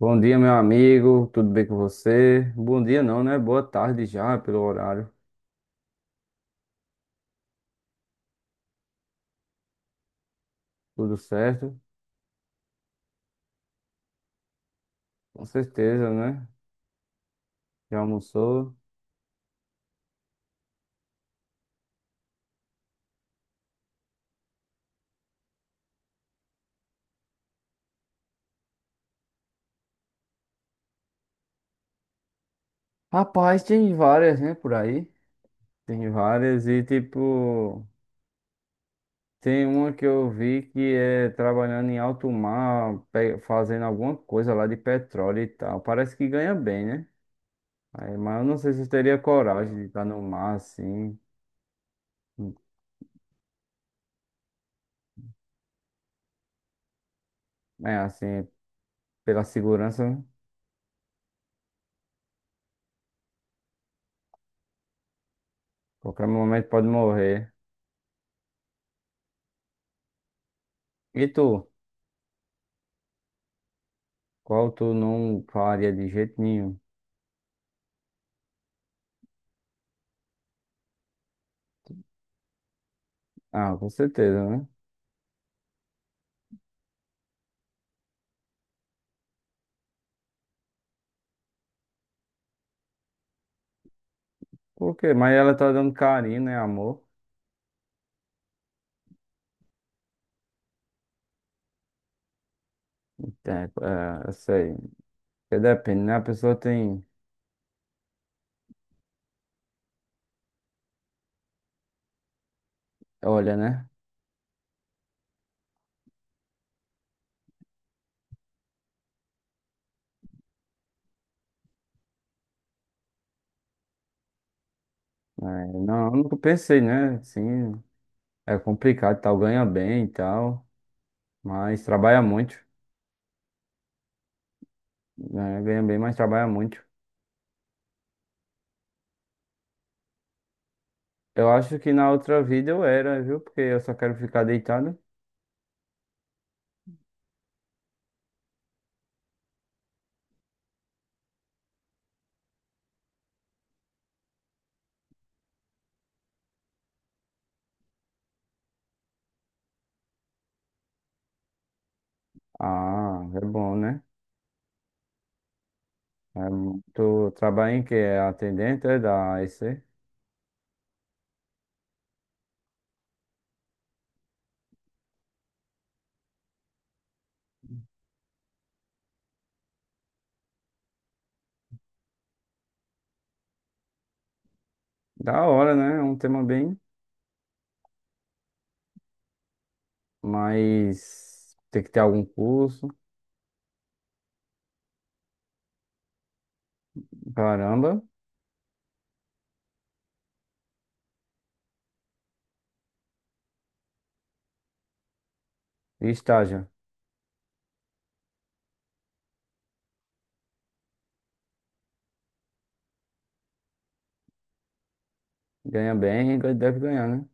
Bom dia, meu amigo. Tudo bem com você? Bom dia, não, né? Boa tarde já, pelo horário. Tudo certo? Com certeza, né? Já almoçou? Rapaz, tem várias, né, por aí. Tem várias e, tipo, tem uma que eu vi que é trabalhando em alto mar, fazendo alguma coisa lá de petróleo e tal. Parece que ganha bem, né? Aí, mas eu não sei se eu teria coragem de estar no mar assim. É, assim, pela segurança, né? Qualquer momento pode morrer. E tu? Qual tu não faria de jeito nenhum? Ah, com certeza, né? Por quê? Mas ela tá dando carinho, né? Amor. É, é, eu sei. Porque depende, né? A pessoa tem. Olha, né? É, não, eu nunca pensei, né? Sim, é complicado, e tal. Ganha bem e tal. Mas trabalha muito. Né? Ganha bem, mas trabalha muito. Eu acho que na outra vida eu era, viu? Porque eu só quero ficar deitado. Ah, é bom, né? É, tu trabalha em que? É atendente, é da AEC? Da hora, né? É um tema bem, mas tem que ter algum curso, caramba. E estágio. Ganha bem e deve ganhar, né?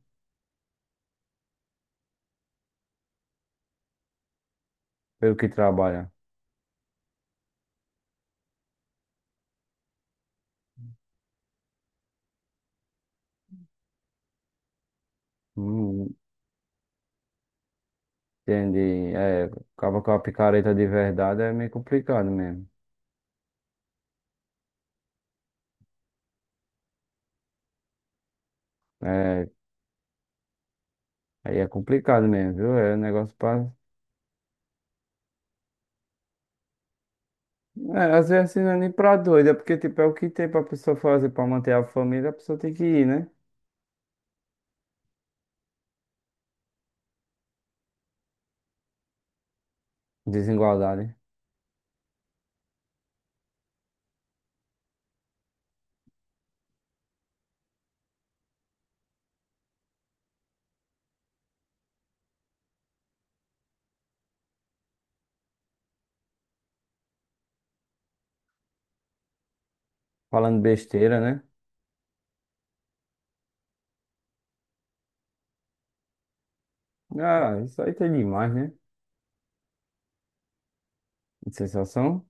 Pelo que trabalha. Hum, entendi. É, acaba com a picareta de verdade é meio complicado mesmo. É, aí é complicado mesmo, viu? É um negócio pra. É, às vezes assim, não é nem pra doido, é porque tipo, é o que tem pra pessoa fazer pra manter a família, a pessoa tem que ir, né? Desigualdade. Falando besteira, né? Ah, isso aí tem demais, né? Sensação.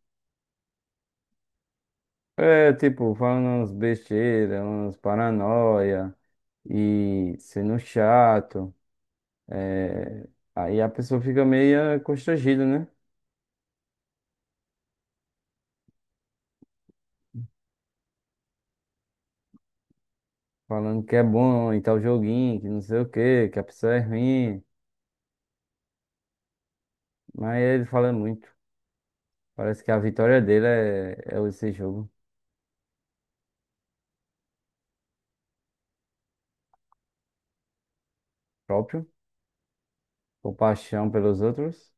É, tipo, falando umas besteiras, umas paranoia e sendo chato. É, aí a pessoa fica meio constrangida, né? Falando que é bom e tal joguinho, que não sei o quê, que a pessoa é ruim. Mas ele fala muito. Parece que a vitória dele é, é esse jogo próprio. Compaixão pelos outros.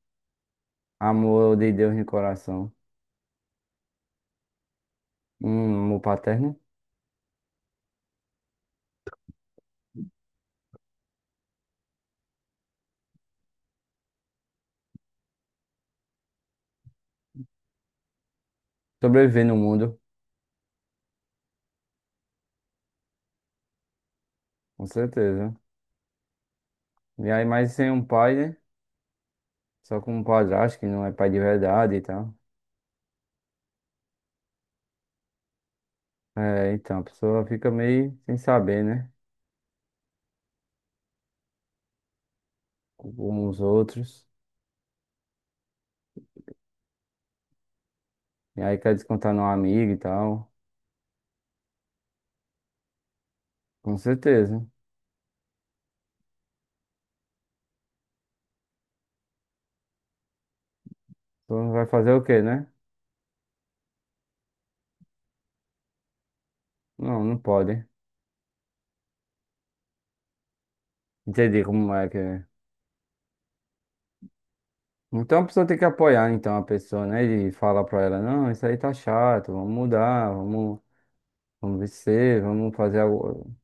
Amor de Deus no coração. Um amor paterno. Sobreviver no mundo, com certeza. E aí, mais sem um pai, né? Só como padrasto, que não é pai de verdade e tal. É, então, a pessoa fica meio sem saber, né? Como os outros. E aí quer descontar no amigo e tal. Com certeza. A pessoa vai fazer o quê, né? Não, não pode. Entendi como é que é. Então a pessoa tem que apoiar então a pessoa, né? E falar pra ela, não, isso aí tá chato, vamos mudar, vamos, vamos vencer, vamos fazer algo.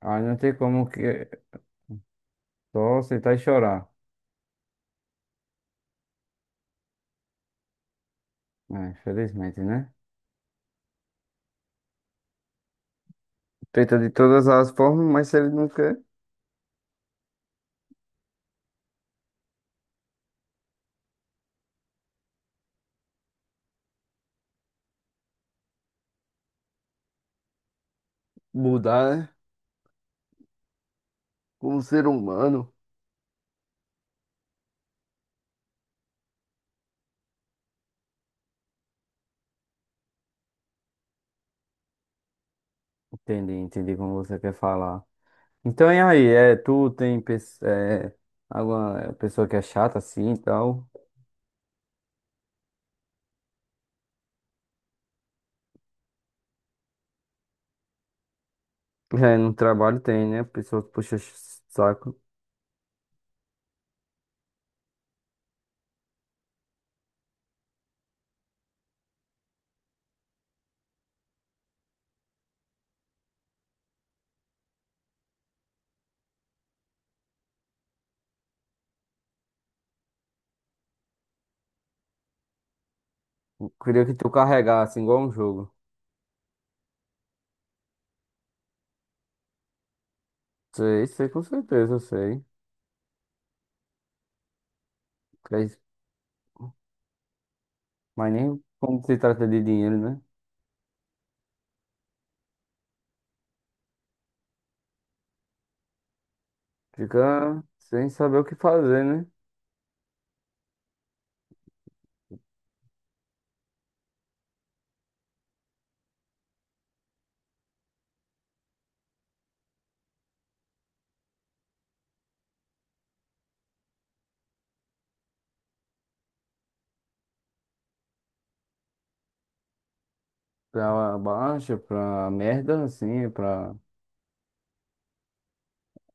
Aí não tem como que só aceitar e chorar. É, infelizmente, né? Tenta de todas as formas, mas se ele não quer. Mudar, né? Como ser humano. Entendi, entendi como você quer falar. Então, e aí, é, é, alguma pessoa que é chata assim e tal? É, no trabalho tem, né? Pessoa que puxa saco. Eu queria que tu carregasse igual um jogo. Sei, sei, com certeza, eu sei. Mas mas nem como se trata de dinheiro, né? Fica sem saber o que fazer, né? Pra baixa, pra merda, assim, pra.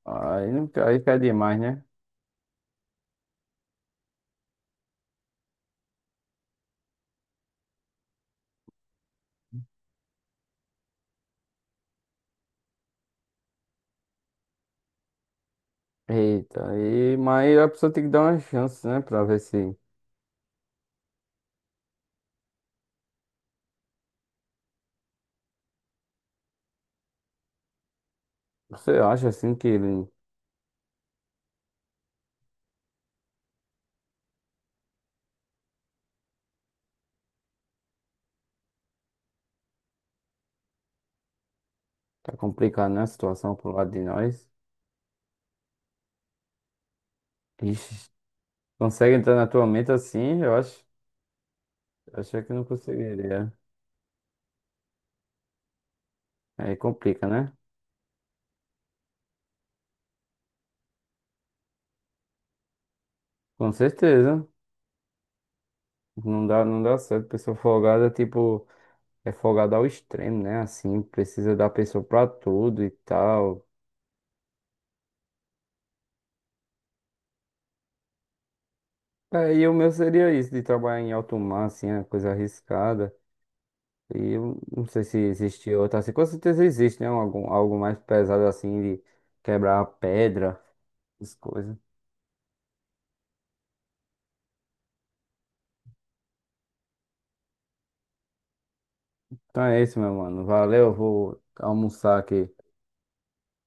Aí, aí pede mais, né? Eita, aí, mas a pessoa tem que dar uma chance, né? Pra ver se você acha assim que ele tá complicado, né? A situação pro lado de nós. Ixi, consegue entrar na tua mente assim? Eu acho, achei que não conseguiria. Aí complica, né? Com certeza. Não dá, não dá certo. Pessoa folgada, tipo, é folgada ao extremo, né? Assim, precisa da pessoa pra tudo e tal. Aí o meu seria isso, de trabalhar em alto mar, assim, é coisa arriscada. E eu não sei se existe outra assim. Com certeza existe, né? Algum, algo mais pesado assim de quebrar pedra, essas coisas. Então é isso, meu mano. Valeu, eu vou almoçar aqui.